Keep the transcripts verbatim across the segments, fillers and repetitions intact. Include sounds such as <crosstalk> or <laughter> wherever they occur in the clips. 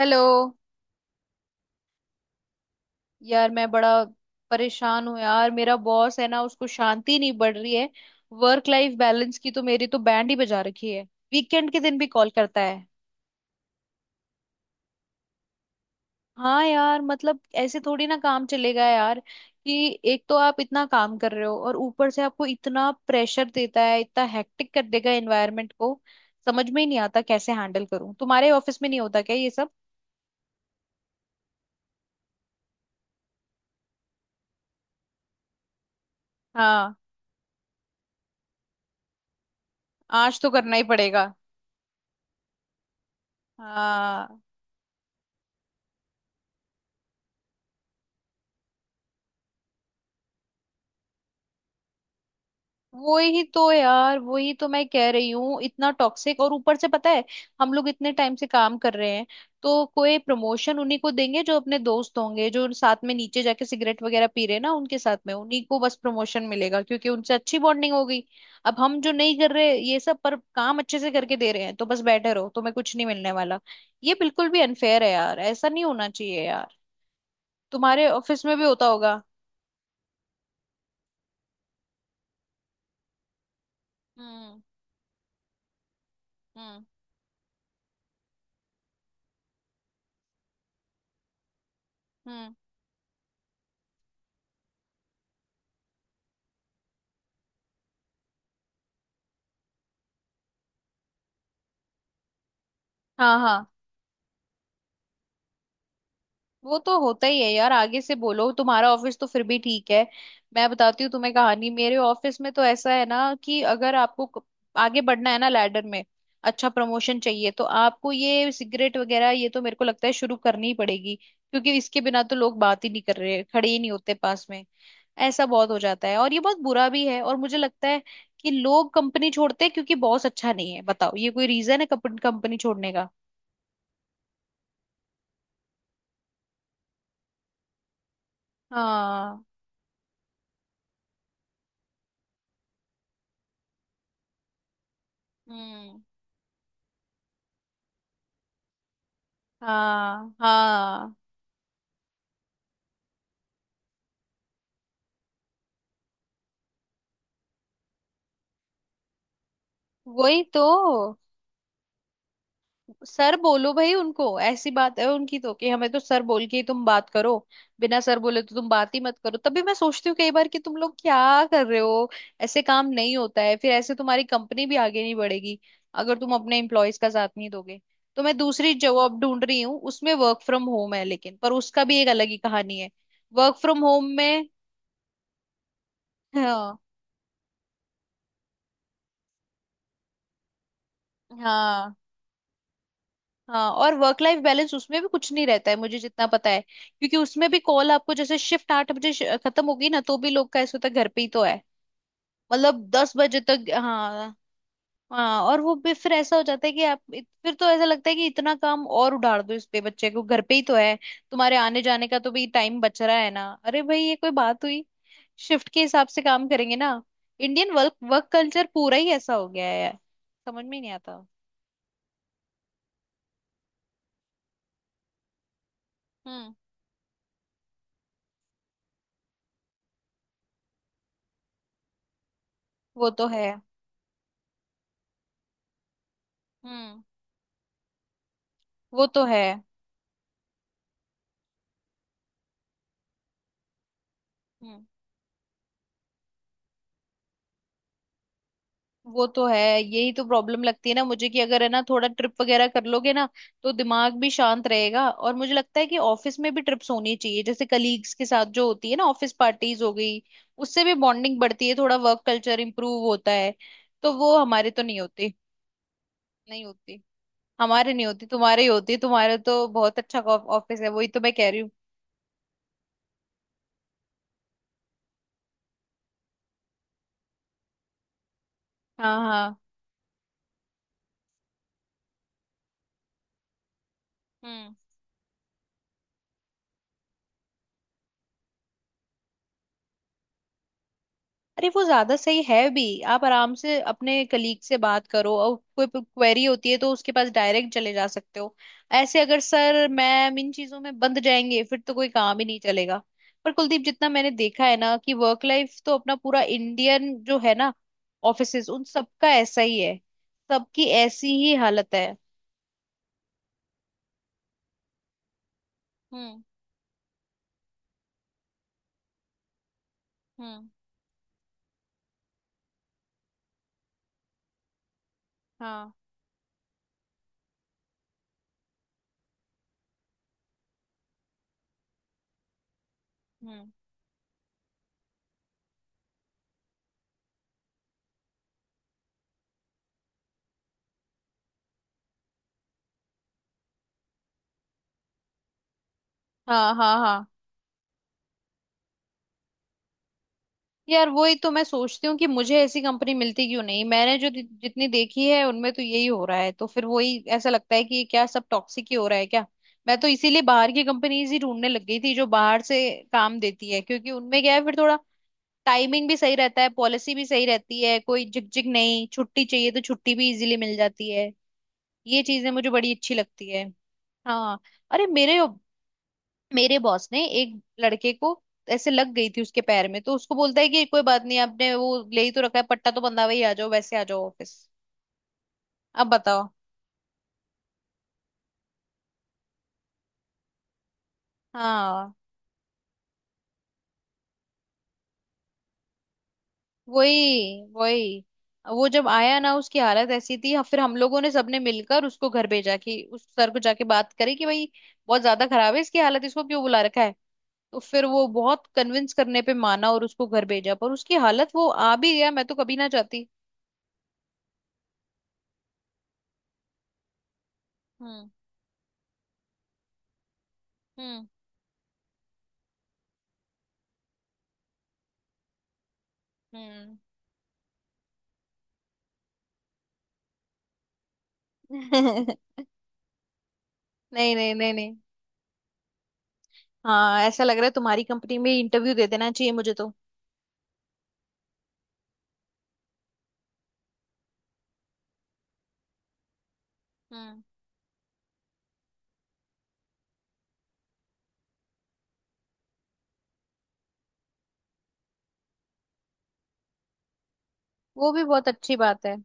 Hello. यार मैं बड़ा परेशान हूँ यार, मेरा बॉस है ना, उसको शांति नहीं बढ़ रही है। वर्क लाइफ बैलेंस की तो मेरी तो बैंड ही बजा रखी है। वीकेंड के दिन भी कॉल करता है। हाँ यार, मतलब ऐसे थोड़ी ना काम चलेगा यार। कि एक तो आप इतना काम कर रहे हो और ऊपर से आपको इतना प्रेशर देता है, इतना हेक्टिक कर देगा एनवायरनमेंट को। समझ में ही नहीं आता कैसे हैंडल करूँ। तुम्हारे ऑफिस में नहीं होता क्या ये सब? हाँ, आज तो करना ही पड़ेगा। हाँ, वो ही तो यार, वही तो मैं कह रही हूँ, इतना टॉक्सिक, और ऊपर से पता है, हम लोग इतने टाइम से काम कर रहे हैं तो कोई प्रमोशन उन्हीं को देंगे जो अपने दोस्त होंगे, जो साथ में नीचे जाके सिगरेट वगैरह पी रहे हैं ना, उनके साथ में उन्हीं को बस प्रमोशन मिलेगा क्योंकि उनसे अच्छी बॉन्डिंग हो गई। अब हम जो नहीं कर रहे ये सब, पर काम अच्छे से करके दे रहे हैं, तो बस बैठे रहो, तुम्हें कुछ नहीं मिलने वाला। ये बिल्कुल भी अनफेयर है यार, ऐसा नहीं होना चाहिए यार। तुम्हारे ऑफिस में भी होता होगा। हम्म। हम्म। हम्म। हाँ हाँ। वो तो होता ही है यार, आगे से बोलो। तुम्हारा ऑफिस तो फिर भी ठीक है। मैं बताती हूँ तुम्हें कहानी, मेरे ऑफिस में तो ऐसा है ना कि अगर आपको क- आगे बढ़ना है ना लैडर में, अच्छा प्रमोशन चाहिए, तो आपको ये सिगरेट वगैरह ये तो मेरे को लगता है शुरू करनी ही पड़ेगी क्योंकि इसके बिना तो लोग बात ही नहीं कर रहे, खड़े ही नहीं होते पास में। ऐसा बहुत हो जाता है, और ये बहुत बुरा भी है, और मुझे लगता है कि लोग कंपनी छोड़ते हैं क्योंकि बॉस अच्छा नहीं है। बताओ, ये कोई रीजन है कंपनी छोड़ने का? हाँ। हम्म। हाँ हाँ। वही तो। सर बोलो भाई, उनको ऐसी बात है उनकी तो, कि हमें तो सर बोल के ही तुम बात करो, बिना सर बोले तो तुम बात ही मत करो। तभी मैं सोचती हूँ कई बार कि तुम लोग क्या कर रहे हो। ऐसे काम नहीं होता है, फिर ऐसे तुम्हारी कंपनी भी आगे नहीं बढ़ेगी अगर तुम अपने एम्प्लॉयज का साथ नहीं दोगे। तो मैं दूसरी जॉब ढूंढ रही हूँ, उसमें वर्क फ्रॉम होम है लेकिन पर उसका भी एक अलग ही कहानी है। वर्क फ्रॉम होम में हाँ। हाँ हाँ। और वर्क लाइफ बैलेंस उसमें भी कुछ नहीं रहता है मुझे जितना पता है, क्योंकि उसमें भी कॉल आपको, जैसे शिफ्ट आठ बजे श- खत्म होगी ना, तो भी लोग का ऐसा होता है घर पे ही तो है। मतलब दस बजे तक। हाँ। हाँ, और वो भी फिर ऐसा हो जाता है कि आप इत- फिर तो ऐसा लगता है कि इतना काम और उधार दो इस पे, बच्चे को घर पे ही तो है, तुम्हारे आने जाने का तो भी टाइम बच रहा है ना। अरे भाई, ये कोई बात हुई? शिफ्ट के हिसाब से काम करेंगे ना। इंडियन वर्क वर्क कल्चर पूरा ही ऐसा हो गया है यार। समझ में ही नहीं आता। हम्म। वो तो है। हम्म। वो तो है। हम्म। वो तो है, यही तो प्रॉब्लम लगती है ना मुझे, कि अगर है ना थोड़ा ट्रिप वगैरह कर लोगे ना तो दिमाग भी शांत रहेगा। और मुझे लगता है कि ऑफिस में भी ट्रिप्स होनी चाहिए, जैसे कलीग्स के साथ जो होती है ना, ऑफिस पार्टीज हो गई, उससे भी बॉन्डिंग बढ़ती है, थोड़ा वर्क कल्चर इंप्रूव होता है। तो वो हमारे तो नहीं होती। नहीं होती। हमारे नहीं होती, तुम्हारे ही होती, तुम्हारे तो बहुत अच्छा ऑफिस है, वही तो मैं कह रही हूँ। हाँ हाँ। हम्म। अरे वो ज्यादा सही है भी, आप आराम से अपने कलीग से बात करो, और कोई क्वेरी होती है तो उसके पास डायरेक्ट चले जा सकते हो। ऐसे अगर सर मैम इन चीजों में बंद जाएंगे फिर तो कोई काम ही नहीं चलेगा। पर कुलदीप, जितना मैंने देखा है ना, कि वर्क लाइफ तो अपना पूरा इंडियन जो है ना ऑफिसेज, उन सबका ऐसा ही है। सबकी ऐसी ही हालत है। हम्म। हम्म। हाँ। हम्म। हाँ हाँ हाँ। यार वही तो मैं सोचती हूँ कि मुझे ऐसी कंपनी मिलती क्यों नहीं, मैंने जो जि- जितनी देखी है उनमें तो यही हो रहा है, तो फिर वही ऐसा लगता है कि ये क्या सब टॉक्सिक ही हो रहा है क्या। मैं तो इसीलिए बाहर की कंपनीज ही ढूंढने लग गई थी, जो बाहर से काम देती है, क्योंकि उनमें क्या है फिर थोड़ा टाइमिंग भी सही रहता है, पॉलिसी भी सही रहती है, कोई झिकझिक नहीं, छुट्टी चाहिए तो छुट्टी भी इजीली मिल जाती है। ये चीजें मुझे बड़ी अच्छी लगती है। हाँ। अरे मेरे मेरे बॉस ने एक लड़के को, ऐसे लग गई थी उसके पैर में, तो उसको बोलता है कि कोई बात नहीं, आपने वो ले ही तो रखा है पट्टा, तो बंधा वही आ जाओ, वैसे आ जाओ ऑफिस। अब बताओ। हाँ। वही वही। वो जब आया ना, उसकी हालत ऐसी थी, फिर हम लोगों ने सबने मिलकर उसको घर भेजा कि उस सर को जाके बात करें कि भाई बहुत ज्यादा खराब है इसकी हालत, इसको क्यों बुला रखा है। तो फिर वो बहुत कन्विंस करने पे माना और उसको घर भेजा, पर उसकी हालत, वो आ भी गया, मैं तो कभी ना जाती। हम्म। हम्म। हम्म। <laughs> नहीं नहीं नहीं नहीं। हाँ, ऐसा लग रहा है तुम्हारी कंपनी में इंटरव्यू दे देना चाहिए मुझे तो। हम्म। वो भी बहुत अच्छी बात है।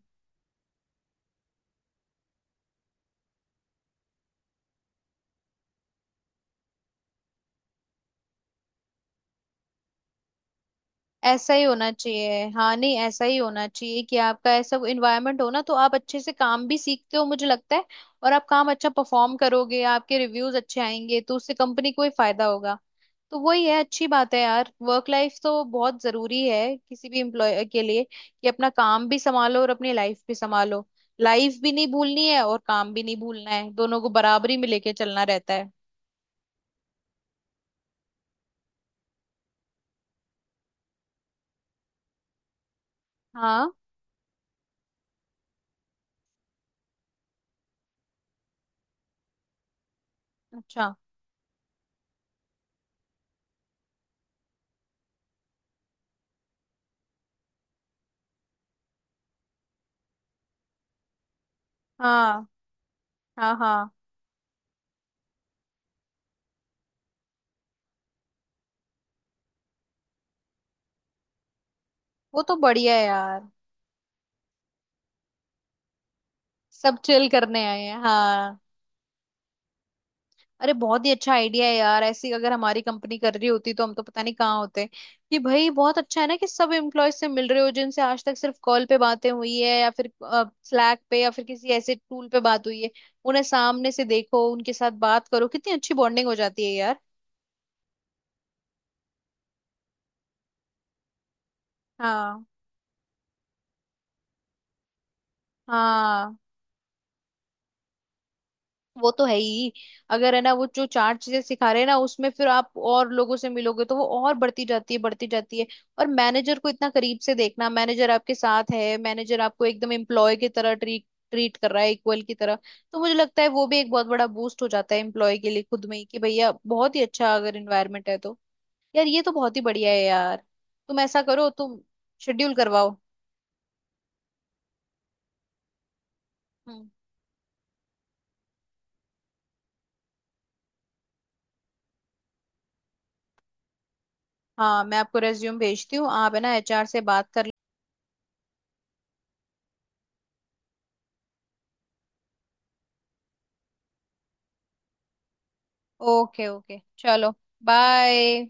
ऐसा ही होना चाहिए हाँ, नहीं ऐसा ही होना चाहिए कि आपका ऐसा इन्वायरमेंट हो ना, तो आप अच्छे से काम भी सीखते हो, मुझे लगता है। और आप काम अच्छा परफॉर्म करोगे, आपके रिव्यूज अच्छे आएंगे, तो उससे कंपनी को ही फायदा होगा। तो वही है, अच्छी बात है यार, वर्क लाइफ तो बहुत जरूरी है किसी भी एम्प्लॉय के लिए, कि अपना काम भी संभालो और अपनी लाइफ भी संभालो। लाइफ भी नहीं भूलनी है और काम भी नहीं भूलना है, दोनों को बराबरी में लेके चलना रहता है। हाँ। अच्छा। हाँ हाँ हाँ। वो तो बढ़िया है यार। सब चिल करने आए हैं हाँ। अरे बहुत ही अच्छा आइडिया है यार, ऐसी अगर हमारी कंपनी कर रही होती तो हम तो पता नहीं कहाँ होते, कि भाई बहुत अच्छा है ना कि सब एम्प्लॉय से मिल रहे हो जिनसे आज तक सिर्फ कॉल पे बातें हुई है, या फिर स्लैक पे, या फिर किसी ऐसे टूल पे बात हुई है। उन्हें सामने से देखो, उनके साथ बात करो, कितनी अच्छी बॉन्डिंग हो जाती है यार। हाँ हाँ। वो तो है ही। अगर है ना वो जो चार चीजें सिखा रहे हैं ना, उसमें फिर आप और लोगों से मिलोगे तो वो और बढ़ती जाती है, बढ़ती जाती है। और मैनेजर को इतना करीब से देखना, मैनेजर आपके साथ है, मैनेजर आपको एकदम एम्प्लॉय की तरह ट्रीट ट्रीट कर रहा है, इक्वल की तरह। तो मुझे लगता है वो भी एक बहुत बड़ा बूस्ट हो जाता है एम्प्लॉय के लिए खुद में ही, कि भैया बहुत ही अच्छा अगर इन्वायरमेंट है तो। यार ये तो बहुत ही बढ़िया है यार। तुम ऐसा करो तुम। शेड्यूल करवाओ। हम्म। हाँ, मैं आपको रेज्यूम भेजती हूँ, आप है ना एचआर से बात कर। ओके ओके चलो। बाय।